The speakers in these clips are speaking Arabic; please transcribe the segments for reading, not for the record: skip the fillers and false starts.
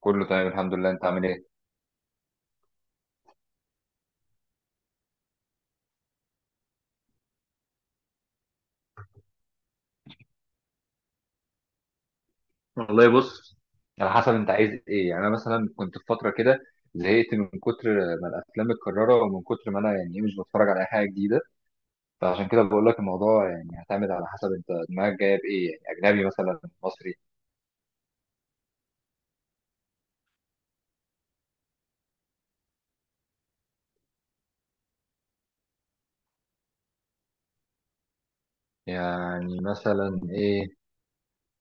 كله تمام الحمد لله. انت عامل ايه؟ والله بص، على حسب انت عايز ايه يعني. انا مثلا كنت في فتره كده زهقت من كتر ما الافلام متكرره، ومن كتر ما انا يعني ايه مش بتفرج على اي حاجه جديده. فعشان كده بقول لك الموضوع يعني هيعتمد على حسب انت دماغك جايه بايه، يعني اجنبي مثلا مصري. يعني مثلا ايه؟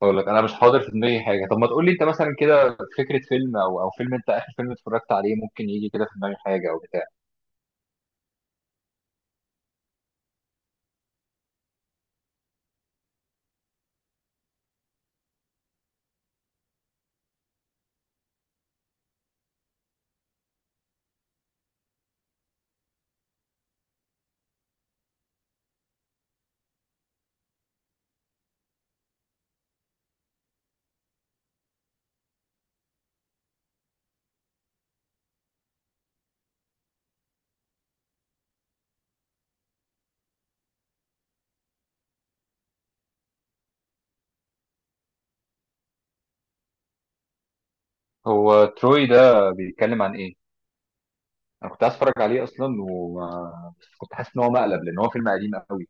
اقول لك انا مش حاضر في دماغي حاجه. طب ما تقول لي انت مثلا كده فكره فيلم، او فيلم، انت اخر فيلم اتفرجت عليه، ممكن يجي كده في دماغي حاجه او بتاع. هو تروي ده بيتكلم عن ايه؟ انا كنت عايز اتفرج عليه اصلا، وما بس كنت حاسس ان هو مقلب، لان هو فيلم قديم قوي.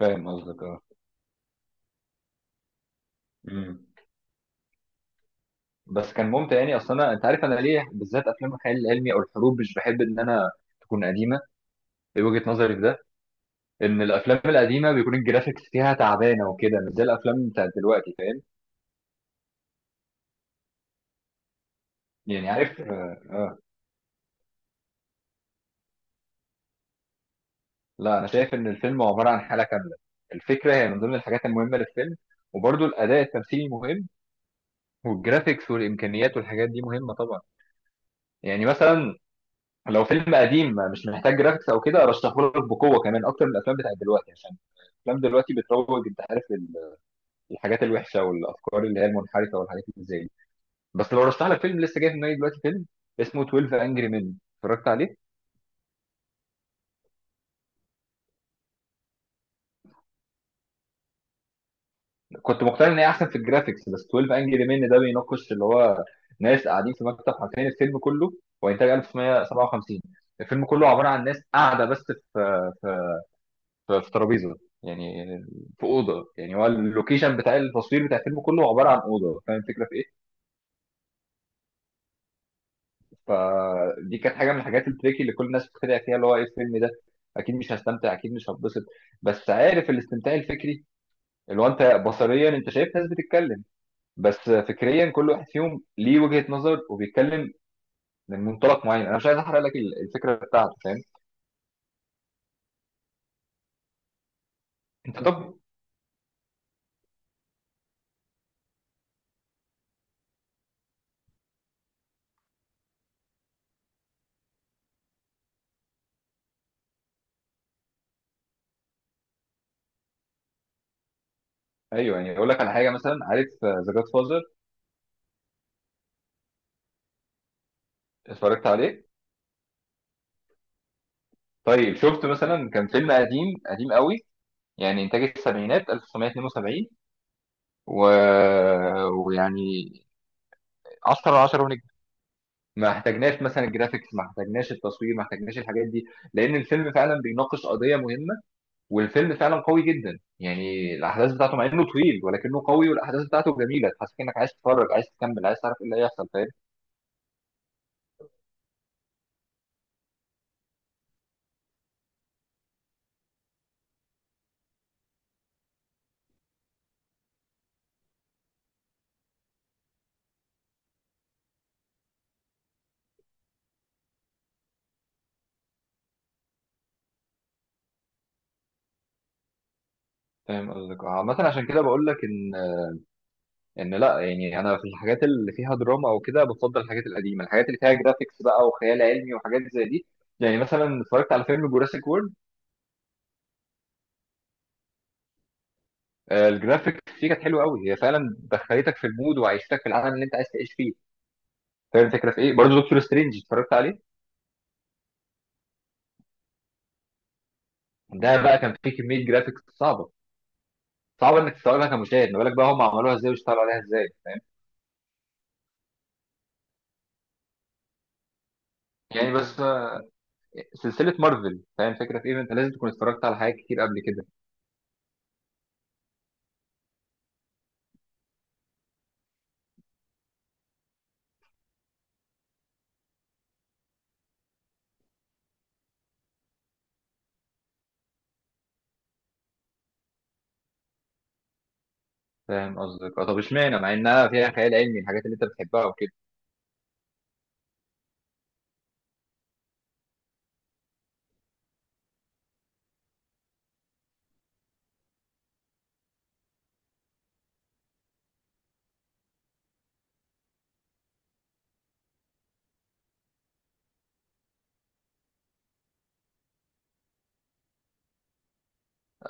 فاهم قصدك، اه. امم بس كان ممتع يعني. اصلا انا، انت عارف انا ليه بالذات افلام الخيال العلمي او الحروب مش بحب ان انا تكون قديمه؟ ايه وجهه نظري في ده؟ ان الافلام القديمه بيكون الجرافيكس فيها تعبانه وكده، مش زي الافلام بتاعت دلوقتي، فاهم؟ يعني عارف لا، انا شايف ان الفيلم عباره عن حاله كامله. الفكره هي من ضمن الحاجات المهمه للفيلم، وبرضه الاداء التمثيلي مهم، والجرافيكس والامكانيات والحاجات دي مهمه طبعا. يعني مثلا لو فيلم قديم مش محتاج جرافيكس او كده ارشحهولك بقوه، كمان اكتر من الافلام بتاعت دلوقتي، عشان الافلام دلوقتي بتروج انت عارف للحاجات الوحشه والافكار اللي هي المنحرفه والحاجات اللي زي دي. بس لو رشح لك فيلم، لسه جاي في دماغي دلوقتي، فيلم اسمه 12 انجري مين، اتفرجت عليه؟ كنت مقتنع ان هي احسن في الجرافيكس، بس 12 انجري مين ده بيناقش اللي هو ناس قاعدين في مكتب، حرفيا الفيلم كله، هو انتاج 1957. الفيلم كله عباره عن ناس قاعده بس في في ترابيزه، يعني في اوضه. يعني هو اللوكيشن بتاع التصوير بتاع الفيلم كله عباره عن اوضه. فاهم الفكره في ايه؟ فدي كانت حاجه من الحاجات التريكي اللي كل الناس بتتريق فيها، اللي هو ايه الفيلم ده، اكيد مش هستمتع، اكيد مش هتبسط. بس عارف الاستمتاع الفكري، اللي هو انت بصريا انت شايف ناس بتتكلم، بس فكريا كل واحد فيهم ليه وجهه نظر وبيتكلم من منطلق معين. انا مش عايز احرق لك الفكره بتاعته، فاهم؟ انت طب، ايوه يعني. اقول لك على حاجه، مثلا عارف ذا جاد فازر؟ اتفرجت عليه؟ طيب شفت مثلا، كان فيلم قديم قديم قوي، يعني انتاج السبعينات، 1972، و... ويعني 10 على 10 ونجم. ما احتاجناش مثلا الجرافيكس، ما احتاجناش التصوير، ما احتاجناش الحاجات دي، لان الفيلم فعلا بيناقش قضيه مهمه، والفيلم فعلا قوي جدا. يعني الاحداث بتاعته مع انه طويل ولكنه قوي، والاحداث بتاعته جميله، تحسسك انك عايز تتفرج، عايز تكمل، عايز تعرف ايه اللي هيحصل، فاهم؟ فاهم قصدك عامه. عشان كده بقول لك ان لا، يعني انا في الحاجات اللي فيها دراما او كده بفضل الحاجات القديمه، الحاجات اللي فيها جرافيكس بقى وخيال علمي وحاجات زي دي، يعني مثلا اتفرجت على فيلم جوراسيك وورلد، الجرافيكس فيه كانت حلوه قوي، هي فعلا دخلتك في المود وعيشتك في العالم اللي انت عايز تعيش فيه. فاهم الفكره في ايه؟ برضه دكتور سترينج، اتفرجت عليه؟ ده بقى كان فيه كميه جرافيكس صعبه، صعبه انك تستوعبها كمشاهد، ما بالك بقى هم عملوها ازاي واشتغلوا عليها ازاي. يعني بس سلسله مارفل. فاهم الفكره في ايه؟ انت لازم تكون اتفرجت على حاجات كتير قبل كده. فاهم قصدك، اه. طب اشمعنى مع انها فيها خيال علمي، الحاجات اللي انت بتحبها وكده؟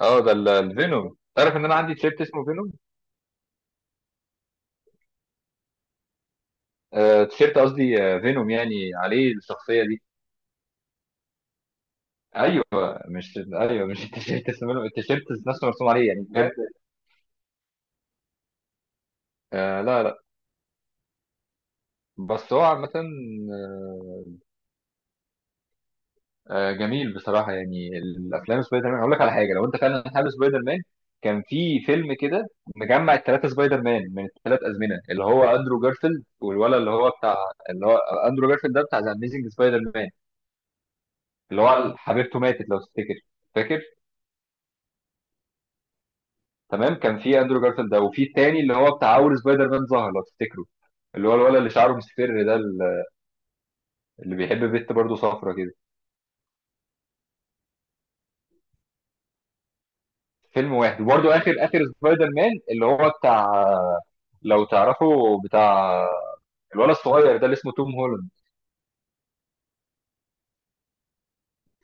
اه، ده الفينوم. تعرف ان انا عندي تيشيرت اسمه فينوم؟ آه، تيشيرت قصدي، آه، فينوم يعني عليه الشخصيه دي. ايوه. مش التيشيرت اسمه فينوم، التيشيرت نفسه مرسوم عليه، يعني بجد. آه، لا. بس هو عامه، آه، جميل بصراحه يعني. الافلام سبايدر مان، هقول لك على حاجه، لو انت فعلا حابب سبايدر مان، كان في فيلم كده مجمع الثلاثه سبايدر مان من الثلاث ازمنه، اللي هو اندرو جارفيلد، والولد اللي هو بتاع اللي هو اندرو جارفيلد ده بتاع ذا اميزنج سبايدر مان، اللي هو حبيبته ماتت لو تفتكر، فاكر؟ تمام. كان في اندرو جارفيلد ده، وفي التاني اللي هو بتاع اول سبايدر مان ظهر لو تفتكره، اللي هو الولد اللي شعره مصفر ده، اللي بيحب بنت برضه صفرة كده، فيلم واحد. وبرضه اخر سبايدر مان اللي هو بتاع، لو تعرفه، بتاع الولد الصغير ده اللي اسمه توم هولاند.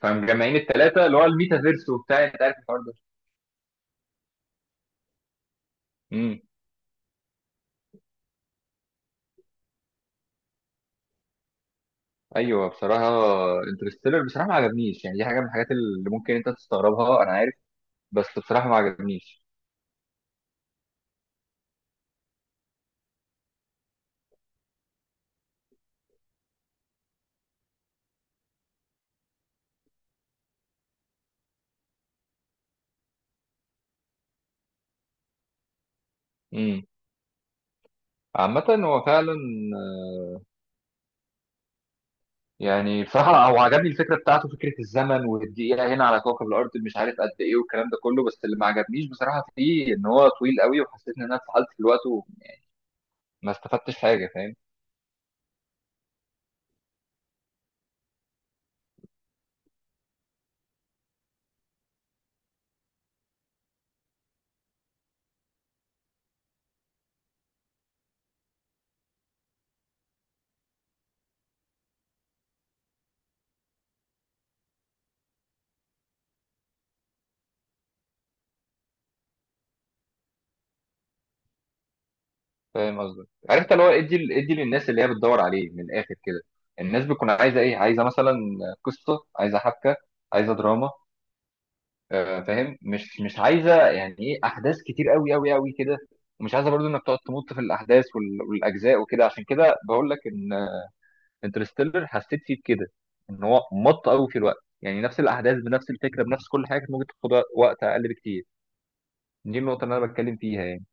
فمجمعين التلاتة اللي هو الميتافيرس وبتاع، انت عارف الحوار ده. امم ايوه بصراحه. انترستيلر بصراحه ما عجبنيش، يعني دي حاجه من الحاجات اللي ممكن انت تستغربها انا عارف، بس بصراحه ما عجبنيش. امم عامة هو فعلا، يعني بصراحة هو عجبني الفكرة بتاعته، فكرة الزمن والدقيقة هنا على كوكب الأرض مش عارف قد إيه والكلام ده كله، بس اللي ما عجبنيش بصراحة فيه إن هو طويل قوي، وحسيت إن أنا اتسحلت في الوقت وما استفدتش حاجة، فاهم؟ فاهم قصدك. عرفت اللي هو إدي للناس، اللي هي بتدور عليه من الآخر كده، الناس بتكون عايزة إيه؟ عايزة مثلا قصة، عايزة حبكة، عايزة دراما، فاهم؟ مش عايزة يعني إيه أحداث كتير قوي كده، ومش عايزة برضو إنك تقعد تمط في الأحداث والأجزاء وكده. عشان كده بقول لك إن انترستيلر حسيت فيه كده، ان هو مط قوي في الوقت، يعني نفس الاحداث بنفس الفكره بنفس كل حاجه كانت ممكن تاخد وقت اقل بكتير. دي النقطه اللي انا بتكلم فيها يعني.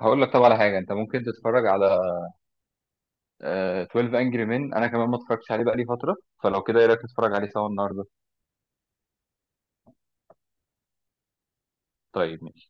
هقول لك، طب على حاجه، انت ممكن تتفرج على 12 انجري مين، انا كمان ما اتفرجتش عليه بقالي فتره، فلو كده ايه رايك تتفرج عليه سوا النهارده؟ طيب.